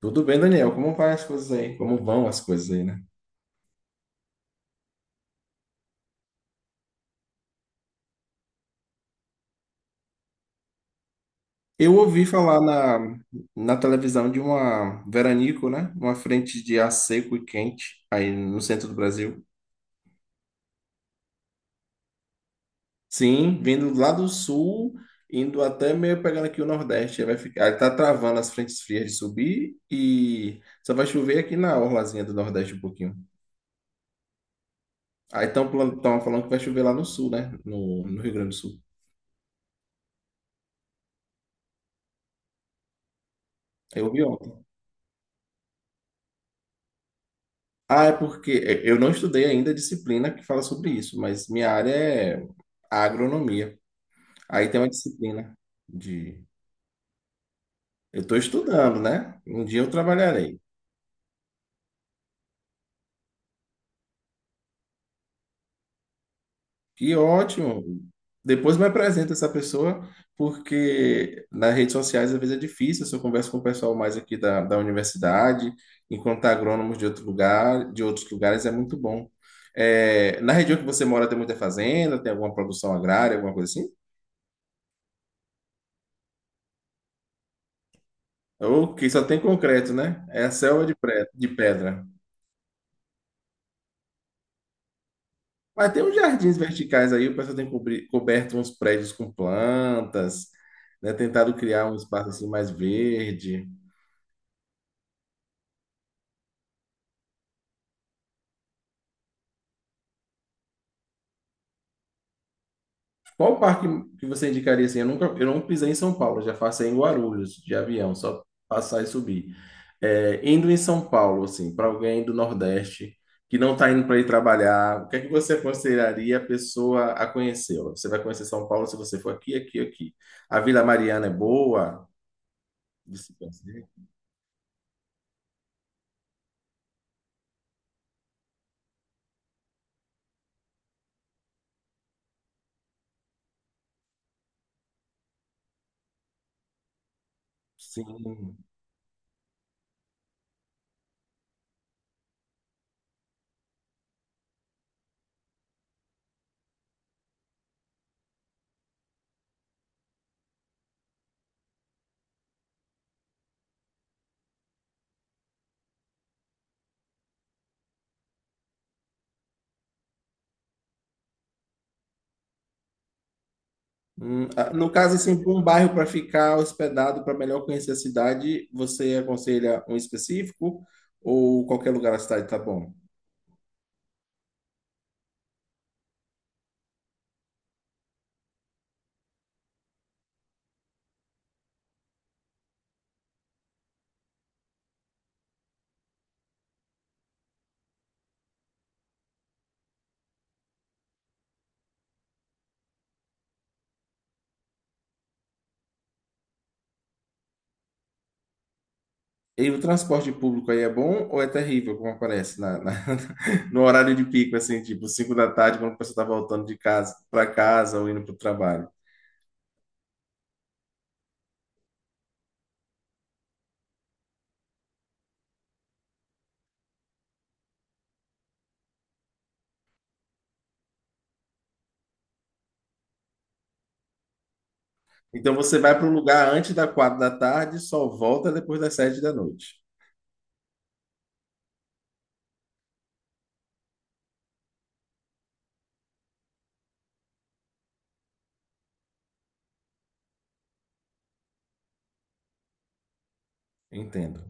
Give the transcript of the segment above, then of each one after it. Tudo bem, Daniel? Como vai as coisas aí? Como vão as coisas aí, né? Eu ouvi falar na televisão de uma veranico, né? Uma frente de ar seco e quente aí no centro do Brasil. Sim, vindo lá do sul, indo até meio pegando aqui o Nordeste. Aí vai ficar, aí tá travando as frentes frias de subir e só vai chover aqui na orlazinha do Nordeste um pouquinho. Aí estão falando que vai chover lá no sul, né? No Rio Grande do Sul. Eu ouvi ó. Ah, é porque é, eu não estudei ainda a disciplina que fala sobre isso, mas minha área é a agronomia. Aí tem uma disciplina de. Eu estou estudando, né? Um dia eu trabalharei. Que ótimo! Depois me apresenta essa pessoa, porque nas redes sociais às vezes é difícil. Se eu converso com o pessoal mais aqui da universidade, enquanto agrônomos de outro lugar, de outros lugares, é muito bom. É, na região que você mora tem muita fazenda, tem alguma produção agrária, alguma coisa assim? Ou que só tem concreto, né? É a selva de pedra. Mas tem uns jardins verticais aí, o pessoal tem coberto uns prédios com plantas, né? Tentado criar um espaço assim mais verde. Qual parque que você indicaria assim? Eu não pisei em São Paulo, já passei em Guarulhos de avião, só passar e subir. É, indo em São Paulo, assim, para alguém do Nordeste que não está indo para ir trabalhar, o que é que você aconselharia a pessoa a conhecer? Ó, você vai conhecer São Paulo se você for aqui, aqui, aqui. A Vila Mariana é boa de se conhecer? Sim. No caso, assim, para um bairro para ficar hospedado, para melhor conhecer a cidade, você aconselha um específico ou qualquer lugar da cidade tá bom? E o transporte público aí é bom ou é terrível, como aparece no horário de pico, assim, tipo 5 da tarde, quando a pessoa está voltando de casa para casa ou indo para o trabalho? Então você vai para o lugar antes das 4 da tarde, só volta depois das sete da noite. Entendo.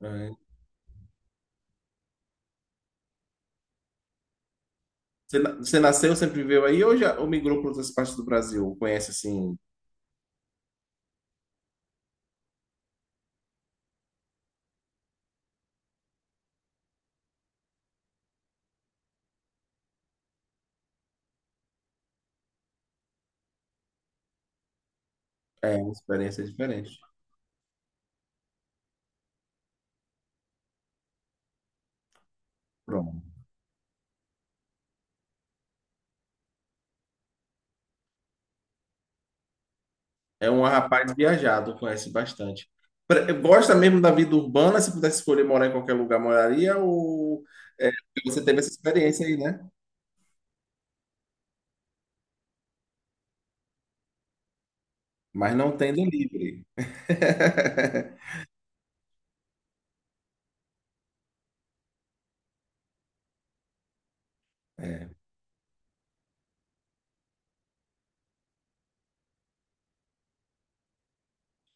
É. Você nasceu, sempre viveu aí ou já ou migrou para outras partes do Brasil? Conhece, assim, é uma experiência diferente. Pronto. É um rapaz viajado, conhece bastante. Gosta mesmo da vida urbana? Se pudesse escolher morar em qualquer lugar, moraria? Ou é, porque você teve essa experiência aí, né? Mas não tendo livre.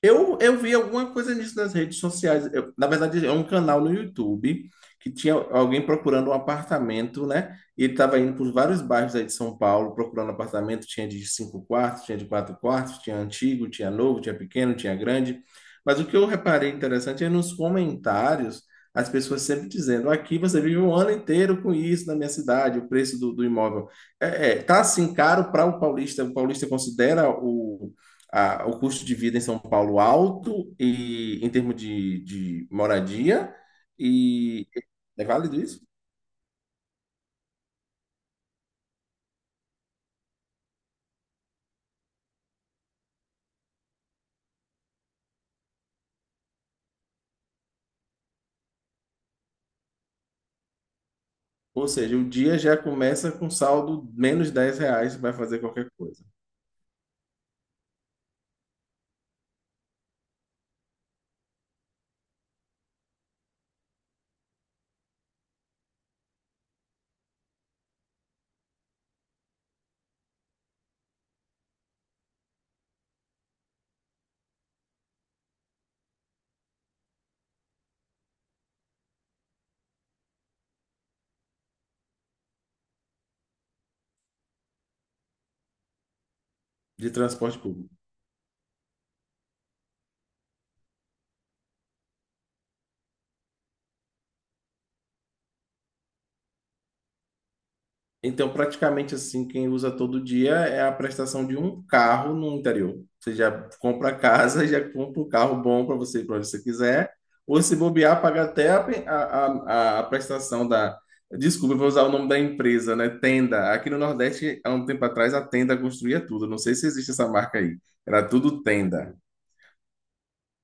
Eu vi alguma coisa nisso nas redes sociais. Na verdade, é um canal no YouTube que tinha alguém procurando um apartamento, né? E ele estava indo por vários bairros aí de São Paulo procurando apartamento. Tinha de cinco quartos, tinha de quatro quartos, tinha antigo, tinha novo, tinha pequeno, tinha grande. Mas o que eu reparei interessante é nos comentários as pessoas sempre dizendo: aqui você vive um ano inteiro com isso na minha cidade, o preço do imóvel. É, tá assim caro para o paulista. O paulista considera o custo de vida em São Paulo alto e em termos de moradia. E é válido isso? Ou seja, o dia já começa com saldo menos R$ 10, vai fazer qualquer coisa de transporte público. Então, praticamente assim, quem usa todo dia é a prestação de um carro no interior. Você já compra a casa, já compra um carro bom para você ir para onde você quiser, ou se bobear, paga até a, pe- a prestação da. Desculpa, eu vou usar o nome da empresa, né? Tenda. Aqui no Nordeste, há um tempo atrás, a Tenda construía tudo. Não sei se existe essa marca aí. Era tudo Tenda.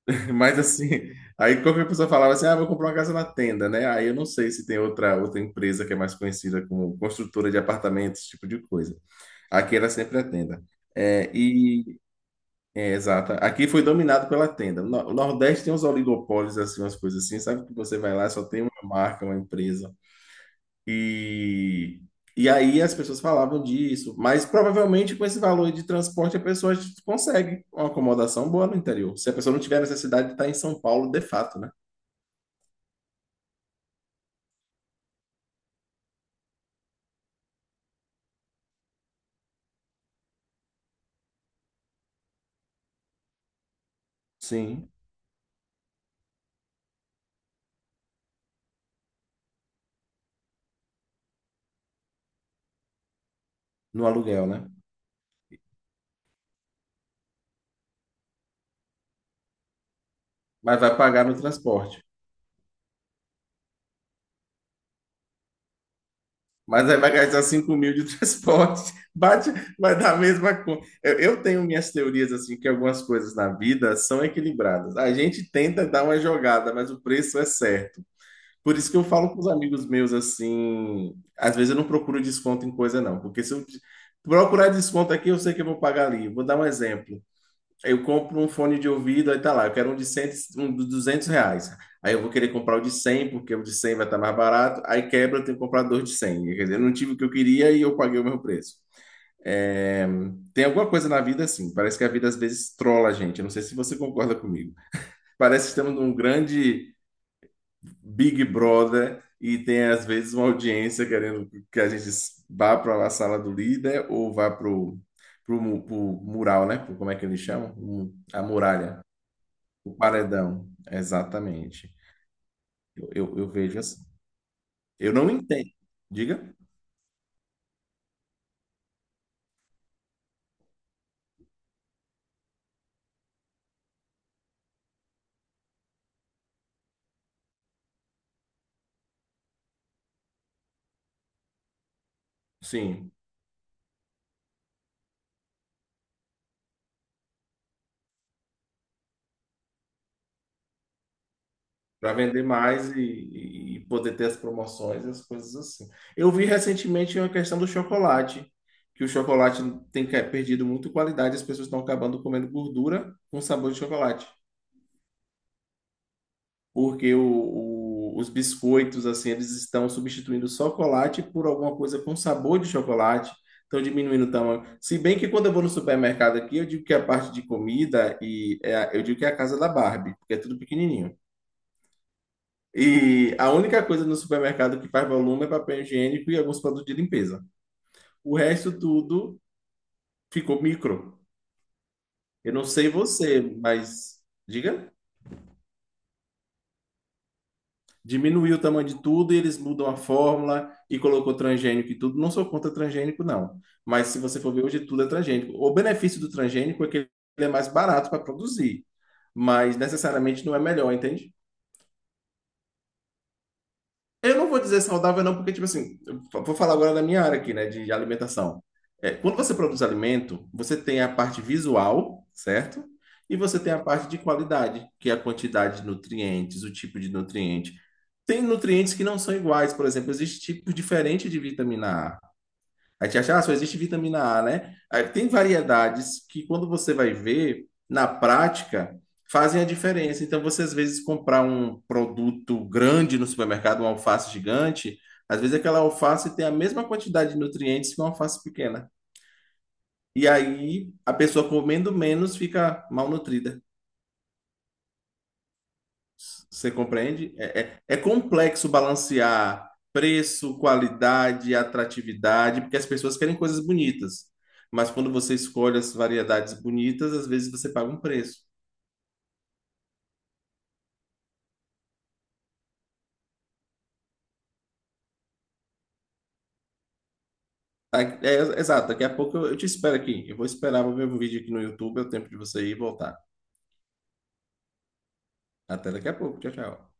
Mas assim, aí qualquer pessoa falava assim: ah, vou comprar uma casa na Tenda, né? Aí eu não sei se tem outra empresa que é mais conhecida como construtora de apartamentos, esse tipo de coisa. Aqui era sempre a tenda. É, e é, exato. Aqui foi dominado pela tenda. O No- O Nordeste tem uns oligopólios, assim, umas coisas assim, sabe? Que você vai lá, e só tem uma marca, uma empresa. E, e aí as pessoas falavam disso. Mas provavelmente com esse valor de transporte a pessoa consegue uma acomodação boa no interior. Se a pessoa não tiver necessidade de estar em São Paulo, de fato, né? Sim, no aluguel, né? Mas vai pagar no transporte. Mas aí vai gastar 5 mil de transporte, bate, vai dar a mesma coisa. Eu tenho minhas teorias, assim, que algumas coisas na vida são equilibradas. A gente tenta dar uma jogada, mas o preço é certo. Por isso que eu falo com os amigos meus, assim, às vezes eu não procuro desconto em coisa, não. Porque se eu procurar desconto aqui, eu sei que eu vou pagar ali. Vou dar um exemplo. Eu compro um fone de ouvido, aí tá lá, eu quero um de 100, um de R$ 200. Aí eu vou querer comprar o de 100 porque o de 100 vai estar mais barato. Aí quebra, eu tenho que comprar dois de 100. Quer dizer, eu não tive o que eu queria e eu paguei o meu preço. É, tem alguma coisa na vida assim, parece que a vida às vezes trola a gente. Eu não sei se você concorda comigo. Parece que estamos num grande Big Brother e tem às vezes uma audiência querendo que a gente vá para a sala do líder ou vá para o mural, né? Como é que eles chamam? A muralha. O paredão, exatamente. Eu vejo assim. Eu não entendo. Diga? Sim. Para vender mais e, e poder ter as promoções e as coisas assim. Eu vi recentemente uma questão do chocolate, que o chocolate tem perdido muito qualidade, as pessoas estão acabando comendo gordura com sabor de chocolate. Porque os biscoitos, assim, eles estão substituindo o chocolate por alguma coisa com sabor de chocolate, estão diminuindo o tamanho. Se bem que quando eu vou no supermercado aqui, eu digo que a parte de comida eu digo que é a casa da Barbie, porque é tudo pequenininho. E a única coisa no supermercado que faz volume é papel higiênico e alguns produtos de limpeza. O resto tudo ficou micro. Eu não sei você, mas diga. Diminuiu o tamanho de tudo e eles mudam a fórmula e colocou transgênico e tudo. Não sou contra transgênico, não. Mas se você for ver, hoje tudo é transgênico. O benefício do transgênico é que ele é mais barato para produzir, mas necessariamente não é melhor, entende? Eu não vou dizer saudável, não, porque, tipo assim, vou falar agora da minha área aqui, né, de alimentação. É, quando você produz alimento, você tem a parte visual, certo? E você tem a parte de qualidade, que é a quantidade de nutrientes, o tipo de nutriente. Tem nutrientes que não são iguais, por exemplo, existe tipo diferente de vitamina A. A gente acha, ah, só existe vitamina A, né? Aí tem variedades que, quando você vai ver, na prática, fazem a diferença. Então, você às vezes comprar um produto grande no supermercado, uma alface gigante, às vezes aquela alface tem a mesma quantidade de nutrientes que uma alface pequena. E aí, a pessoa comendo menos fica malnutrida. Você compreende? É complexo balancear preço, qualidade, atratividade, porque as pessoas querem coisas bonitas. Mas quando você escolhe as variedades bonitas, às vezes você paga um preço. Tá? É, exato, daqui a pouco eu te espero aqui. Eu vou esperar, vou ver um vídeo aqui no YouTube, é o tempo de você ir e voltar. Até daqui a pouco. Tchau, tchau.